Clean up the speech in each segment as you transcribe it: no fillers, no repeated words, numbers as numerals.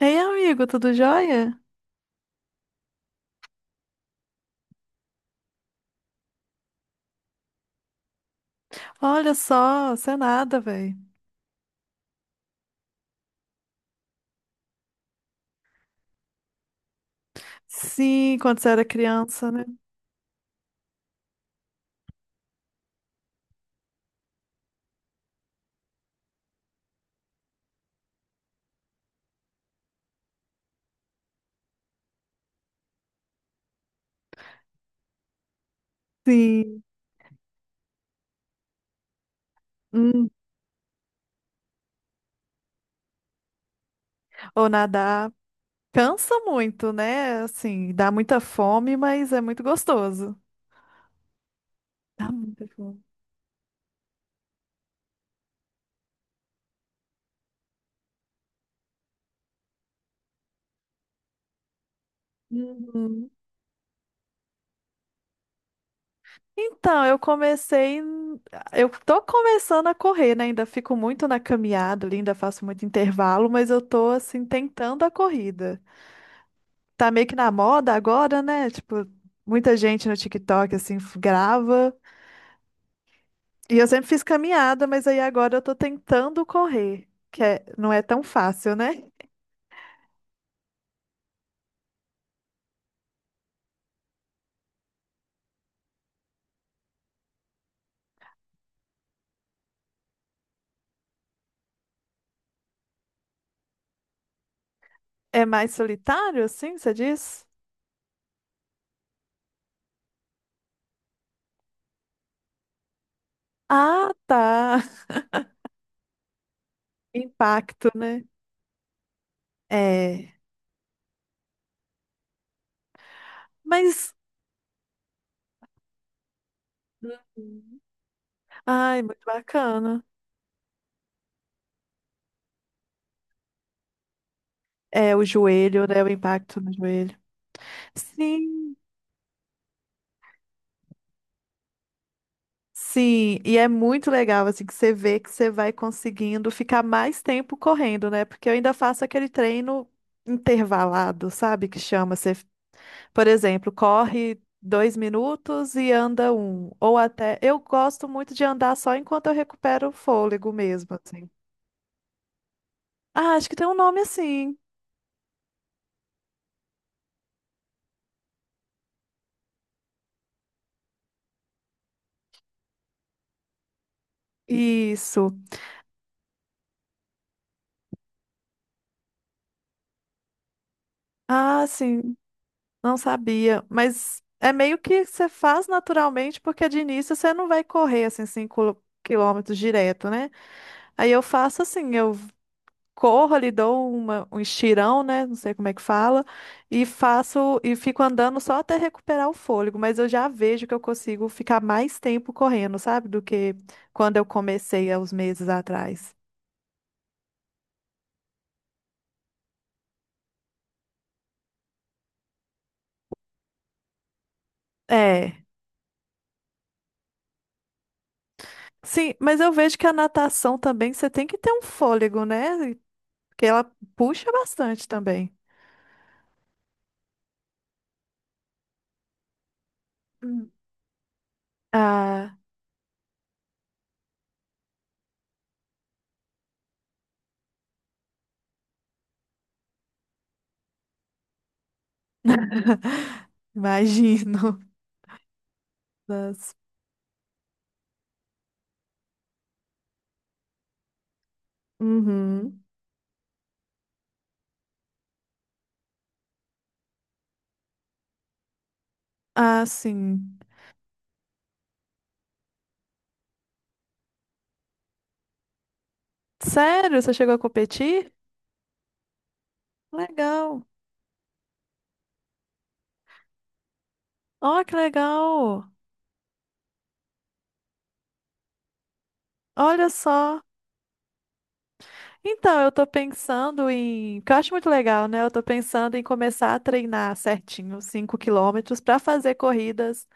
Ei, amigo, tudo jóia? Olha só, você é nada, velho. Sim, quando você era criança, né? Sim. Hum. Ou nadar. Cansa muito, né? Assim, dá muita fome, mas é muito gostoso. Dá muita fome. Uhum. Então, eu comecei. Eu tô começando a correr, né? Ainda fico muito na caminhada, ali, ainda faço muito intervalo, mas eu tô, assim, tentando a corrida. Tá meio que na moda agora, né? Tipo, muita gente no TikTok, assim, grava. E eu sempre fiz caminhada, mas aí agora eu tô tentando correr, não é tão fácil, né? É mais solitário, assim, você diz? Ah, tá. Impacto, né? É. Mas. Uhum. Ai, muito bacana. É, o joelho, né? O impacto no joelho. Sim, sim. E é muito legal, assim, que você vê que você vai conseguindo ficar mais tempo correndo, né? Porque eu ainda faço aquele treino intervalado, sabe? Que chama. Você. Por exemplo, corre 2 minutos e anda um. Ou até. Eu gosto muito de andar só enquanto eu recupero o fôlego mesmo, assim. Ah, acho que tem um nome assim. Isso. Ah, sim. Não sabia. Mas é meio que você faz naturalmente, porque de início você não vai correr assim 5 quilômetros direto, né? Aí eu faço assim, eu corro, lhe dou uma, um estirão, né? Não sei como é que fala, e faço e fico andando só até recuperar o fôlego, mas eu já vejo que eu consigo ficar mais tempo correndo, sabe? Do que quando eu comecei há uns meses atrás. É. Sim, mas eu vejo que a natação também você tem que ter um fôlego, né? Porque ela puxa bastante também. Hum. Ah, imagino. Nossa. Uhum. Ah, sim. Sério? Você chegou a competir? Legal. Ó, que legal. Olha só. Então, eu tô pensando em, que eu acho muito legal, né? Eu tô pensando em começar a treinar certinho 5 quilômetros para fazer corridas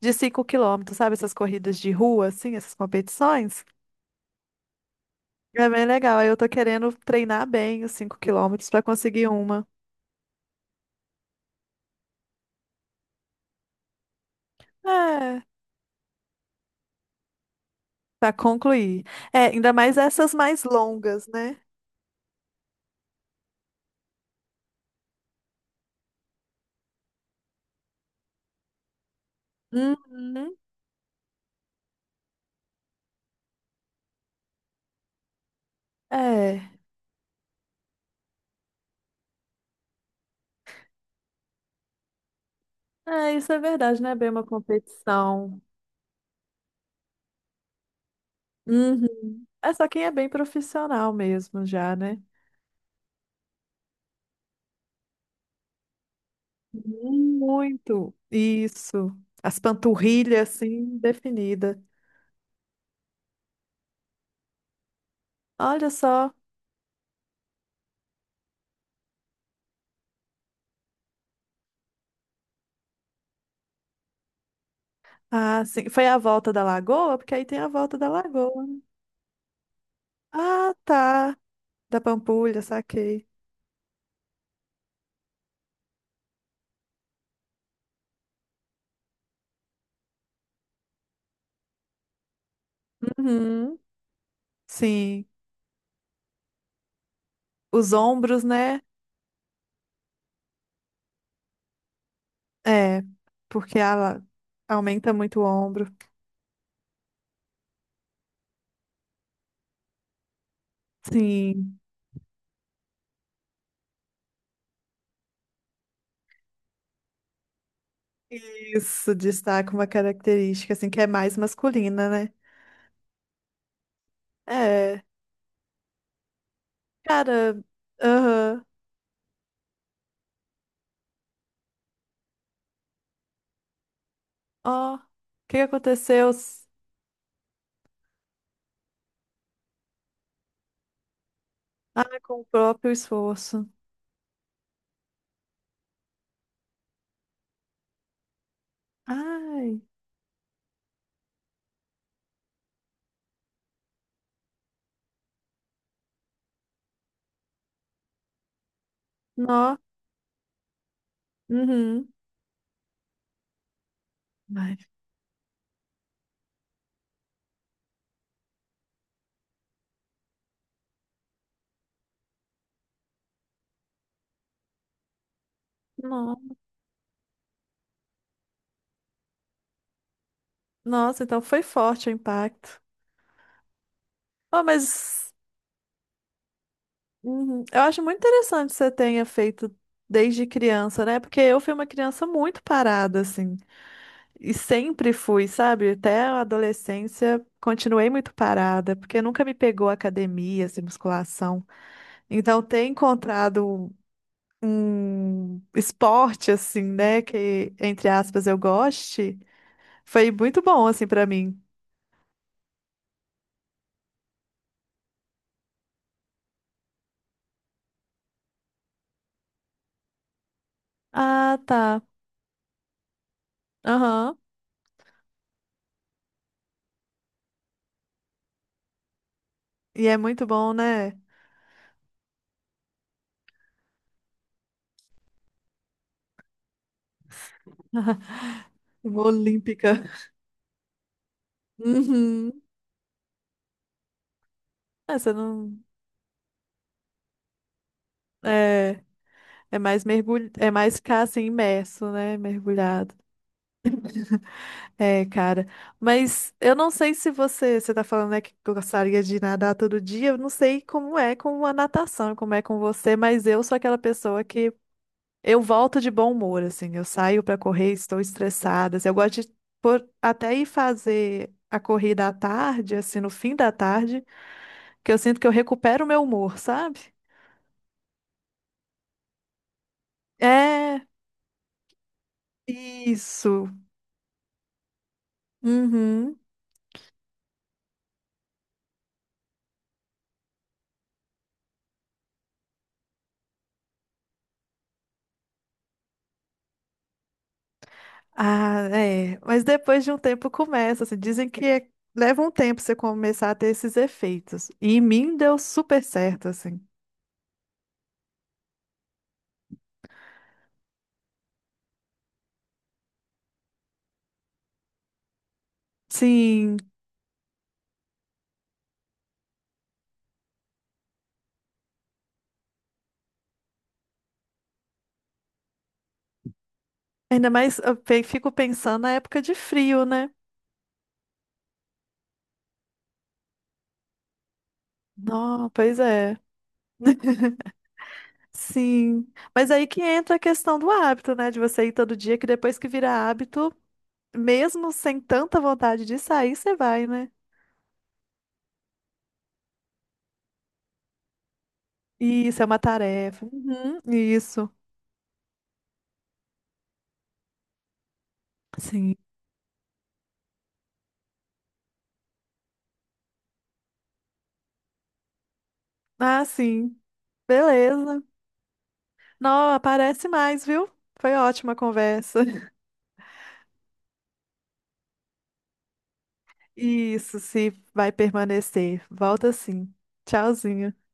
de 5 quilômetros, sabe? Essas corridas de rua, assim, essas competições. É bem legal. Aí eu tô querendo treinar bem os 5 quilômetros para conseguir uma. É, para concluir. É, ainda mais essas mais longas, né? Uhum. É. É, isso é verdade, né? Bem uma competição. Uhum. É só quem é bem profissional mesmo já, né? Muito. Isso. As panturrilhas, assim, definida. Olha só. Ah, sim. Foi a volta da lagoa? Porque aí tem a volta da lagoa, né? Ah, tá. Da Pampulha, saquei. Uhum. Sim. Os ombros, né? É, porque ela aumenta muito o ombro. Sim. Isso destaca uma característica, assim, que é mais masculina, né? É. Cara, aham. Ó, o que que aconteceu? Ah, com o próprio esforço. Ai, nó. Uhum. Ai, nó. Nossa, então foi forte o impacto. Oh, mas uhum, eu acho muito interessante que você tenha feito desde criança, né? Porque eu fui uma criança muito parada, assim. E sempre fui, sabe? Até a adolescência continuei muito parada, porque nunca me pegou academia, assim, musculação. Então, ter encontrado um esporte assim, né, que entre aspas eu goste, foi muito bom assim pra mim. Ah, tá. Aham. E é muito bom, né? Uma Olímpica. Uhum. Ah, você não é é mais mergulho, é mais ficar assim imerso, né, mergulhado. É, cara. Mas eu não sei se você, você tá falando, né, que gostaria de nadar todo dia. Eu não sei como é com a natação, como é com você, mas eu sou aquela pessoa. Eu volto de bom humor, assim. Eu saio pra correr, estou estressada, assim. Eu gosto de até ir fazer a corrida à tarde, assim, no fim da tarde, que eu sinto que eu recupero o meu humor, sabe? É, isso. Uhum. Ah, é. Mas depois de um tempo começa, assim, dizem que é- leva um tempo você começar a ter esses efeitos. E em mim deu super certo, assim. Sim. Ainda mais eu fico pensando na época de frio, né? Não, pois é. Sim, mas aí que entra a questão do hábito, né? De você ir todo dia, que depois que vira hábito, mesmo sem tanta vontade de sair, você vai, né? E isso é uma tarefa. Uhum, isso. Sim. Ah, sim. Beleza. Não, aparece mais, viu? Foi ótima a conversa. Isso, se vai permanecer. Volta sim. Tchauzinho.